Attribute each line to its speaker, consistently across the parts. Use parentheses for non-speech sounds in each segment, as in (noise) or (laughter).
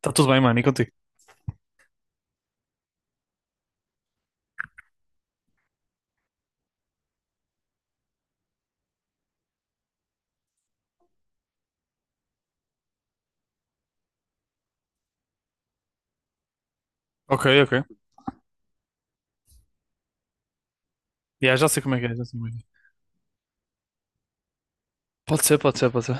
Speaker 1: Tá tudo bem, mano, e contigo? Ok, ok. Yeah, já sei como é que é, já sei como é que é. Pode ser, pode ser, pode ser.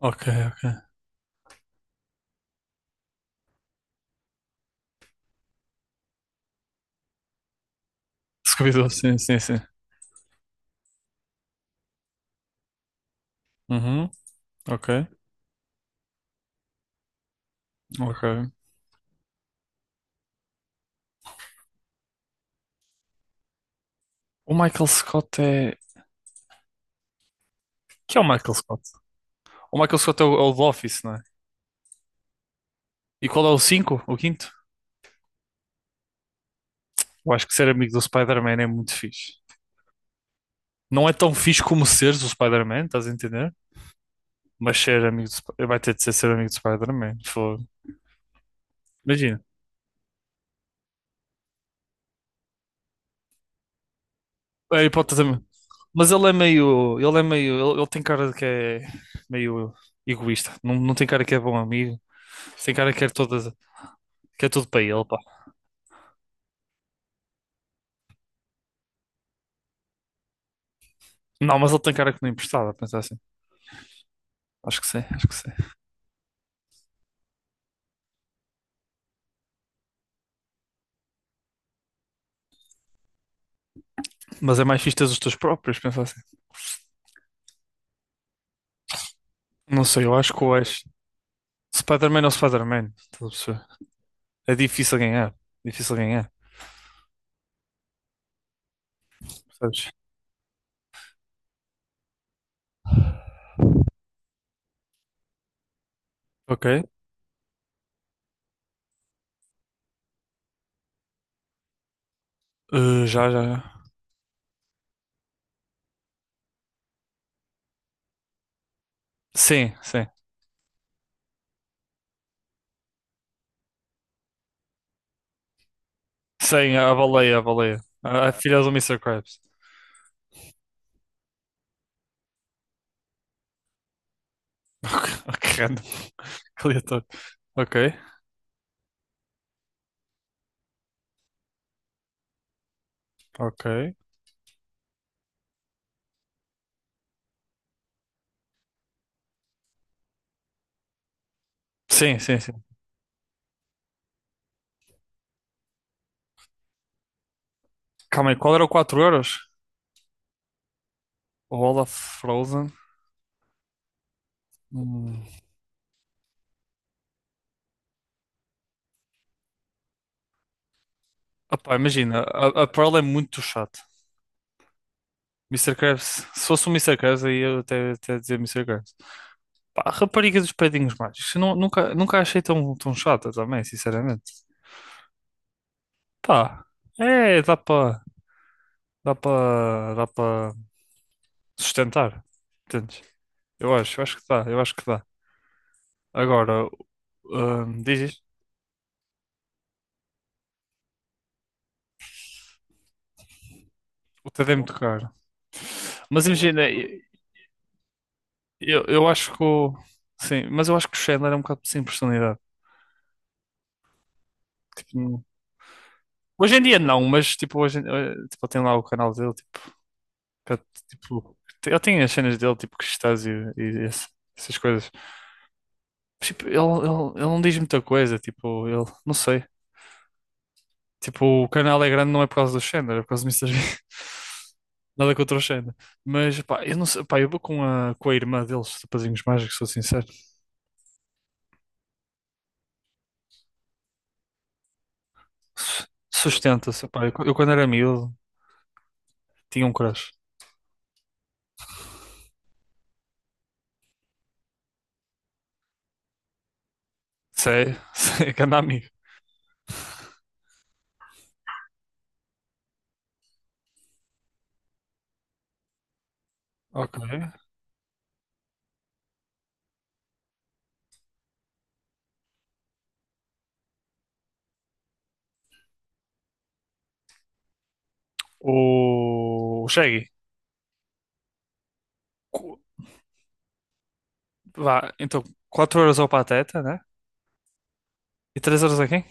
Speaker 1: Ok, ok. Scooby-Doo, sim, sim, sim. Uhum, ok, ok. O Michael Scott é... Que é o Michael Scott? O Michael Scott é o do Office, não é? E qual é o cinco? O quinto? Eu acho que ser amigo do Spider-Man é muito fixe. Não é tão fixe como seres o Spider-Man, estás a entender? Mas ser amigo do... Sp- vai ter de ser ser amigo do Spider-Man, fogo. Imagina. Harry Potter também. Mas ele é meio. Ele é meio. Ele tem cara de que é meio egoísta. Não, não tem cara que é bom amigo. Tem cara que quer todas, que é tudo para ele, pá. Não, mas ele tem cara que não emprestava, pensar assim. Acho que sim, acho que sim. Mas é mais fixe teres os teus próprios, pensar assim. Não sei, eu acho que o Ash. Spider-Man é o Spider-Man, estás a perceber? É difícil ganhar. Difícil ganhar. Percebes? Ok. Já, já, já. Sim, sim. Sim, a baleia, a baleia. A filha do Mister Krabs. (laughs) Que random. Que aleatório. (laughs) Ok, ok. Sim, sim, sim. Calma aí, qual era o 4 euros? O Olaf Frozen. Hum. Opá, imagina, a Pearl é muito chato. Mister Krabs, se fosse o Mr. Krabs, aí eu até, até dizer Mister Krabs. Pá, a rapariga dos Pedinhos Mágicos, eu nunca a achei tão, tão chata também, sinceramente. Pá, é, dá para sustentar, entendes? Eu acho que dá, eu acho que dá. Agora, diz. O Ted é muito caro. Mas imagina, eu acho que o... Sim, mas eu acho que o Chandler é um bocado sem personalidade. Tipo, não- hoje em dia não, mas tipo, hoje, em- tipo, ele tem lá o canal dele, tipo, que é, tipo, te- ele tem as cenas dele, tipo, Crustáceo e esse- essas coisas. Mas, tipo, ele não diz muita coisa, tipo, ele, não sei. Tipo, o canal é grande não é por causa do Chandler, é por causa do Mister Bean. (laughs) Nada contra o Chandler. Mas, pá, eu não sei, pá, eu vou com a irmã deles, os Rapazinhos Mágicos, sou sincero. Su- sustenta-se. Pá, eu quando era miúdo tinha um crush. Sei, (laughs) sei, grande amigo. Ok. O Shaggy. Cu- vá, então 4 euros ao Pateta, né? E 3 euros a quem?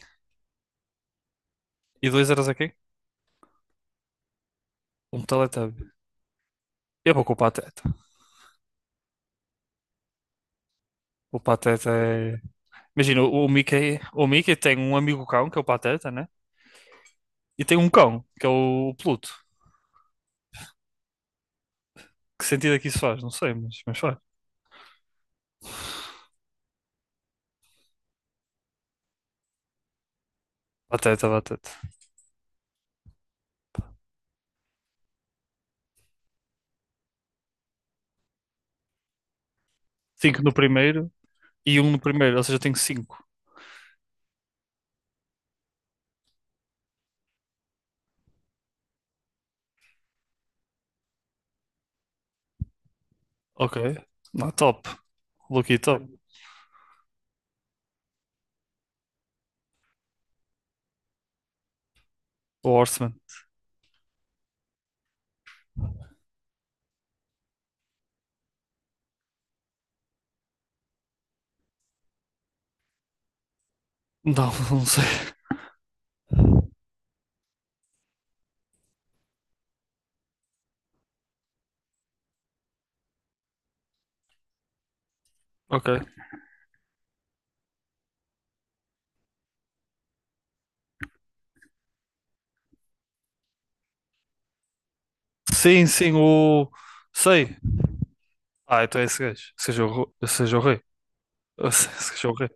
Speaker 1: E 2 euros a quem? Um Teletubby. Eu vou com o Pateta. O Pateta é... Imagina, o Mickey tem um amigo cão, que é o Pateta, né? E tem um cão, que é o Pluto. Que sentido é que isso faz? Não sei, mas faz. Pateta, Pateta. Cinco no primeiro e um no primeiro, ou seja, eu tenho cinco. Ok. Não, top. Lucky top. O Horseman. Não, (laughs) não sei. Ok. Sim, sim, o. Sei. Ah, então é esse gajo. Seja o, ro- seja o rei. (laughs) Seja o rei.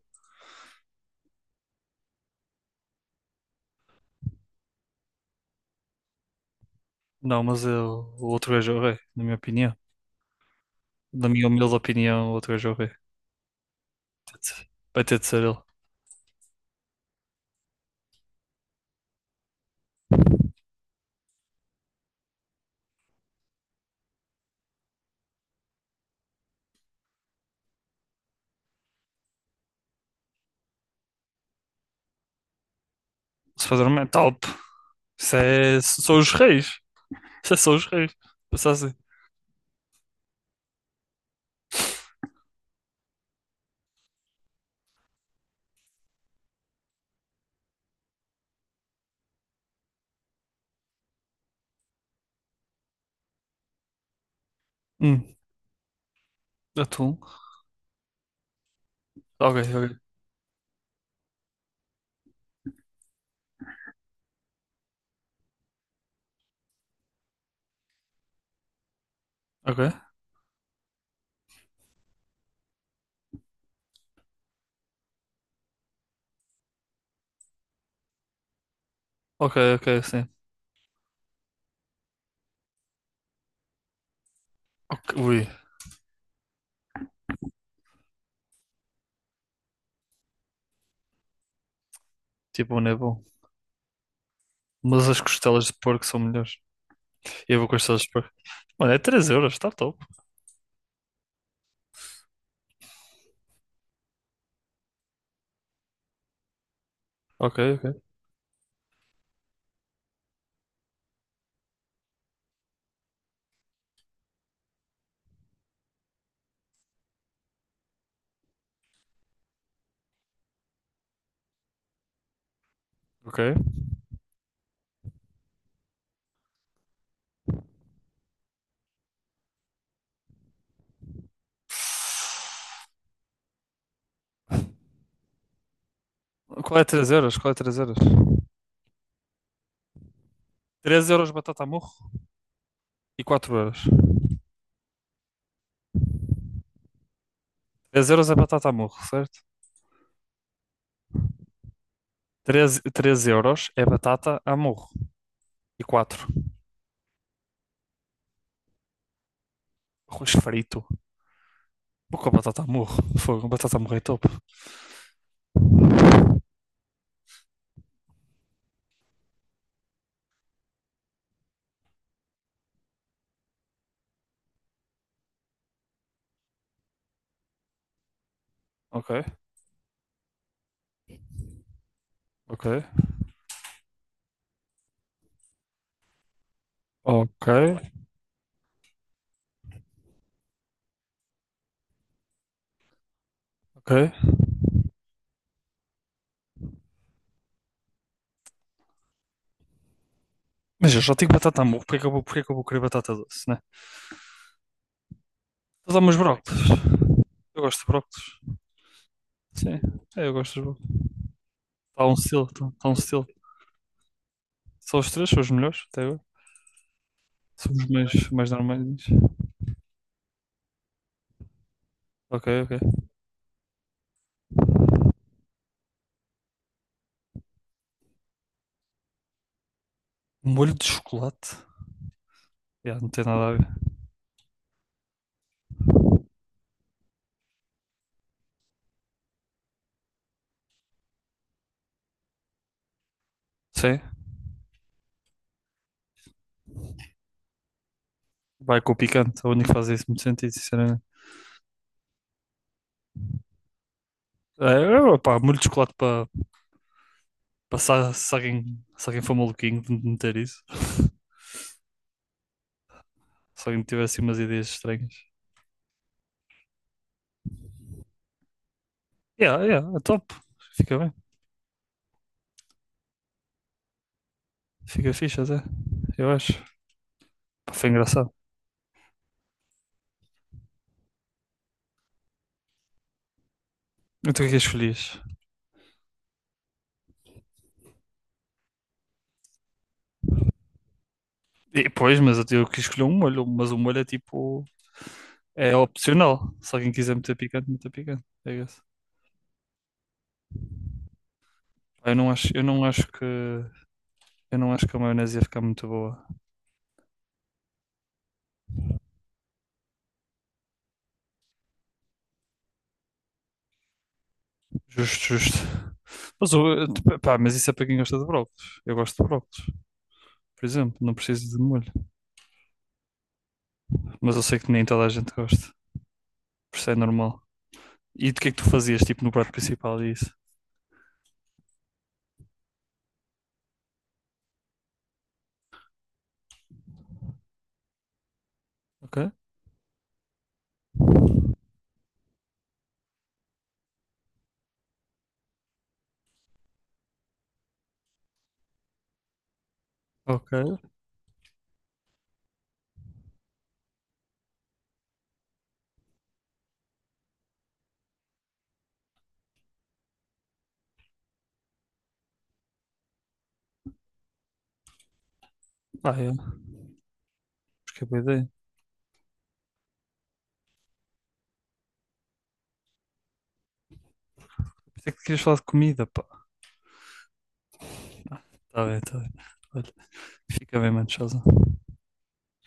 Speaker 1: Não, mas é o outro gajo é o rei, na minha opinião. Na minha humilde opinião, o outro gajo é o rei. Vai ter de ser ele. Se fazer um top. Isso é. São os reis. Isso é só os reis. Pensa assim. Hum. Atum. Ok, ok. Ok. Ok, ok, sim. Ok, ui. Tipo, não é bom. Mas as costelas de porco são melhores. E eu vou com as todas por. Mano, é 3 euros, está top. Ok, ok, ok. Qual é 3 euros? Qual é 3 euros? Três euros batata murro e 4 euros. Três euros é batata a murro, certo? Três euros é batata a murro e quatro. Arroz frito. Vou com batata a murro. Fogo, batata a murro é top. Ok, ok, ok, ok. Mas eu já tenho batata a murro, porque é que eu vou, porque é que eu vou querer batata doce, né? Vou dar meus brócolos. Eu gosto de brócolos. Sim, é, eu gosto de brócolos. Está um estilo, está um estilo. Só os três são os melhores até agora. Somos mais, mais normais. Ok, ok. Molho de chocolate. Yeah, não tem nada a ver. Sim, vai com o picante. É o único que faz isso muito sentido, sinceramente. É, opá, molho de chocolate para passar se alguém, se alguém for maluquinho de meter isso. (laughs) Se alguém tiver assim umas ideias estranhas. Yeah, yeah, é top. Fica bem. Fica fixe até. Eu acho. Pá, foi engraçado. Então o que é que escolhias? E, pois, mas eu quis escolher um molho, mas o molho é tipo... É opcional. Se alguém quiser meter picante, meter picante. É isso. Eu não acho que, eu não acho que a maionese ia ficar muito boa. Justo, justo. Mas, o- tipo, pá, mas isso é para quem gosta de brócolos. Eu gosto de brócolos, por exemplo. Não preciso de molho. Mas eu sei que nem toda a gente gosta. Por isso é normal. E do que é que tu fazias, tipo, no prato principal e isso? Ok? Ok. Ah, é. Acho que é boa ideia. Pensei que querias falar de comida, pá. Tá bem, tá bem. Olha, fica bem, mano. Tchauzão.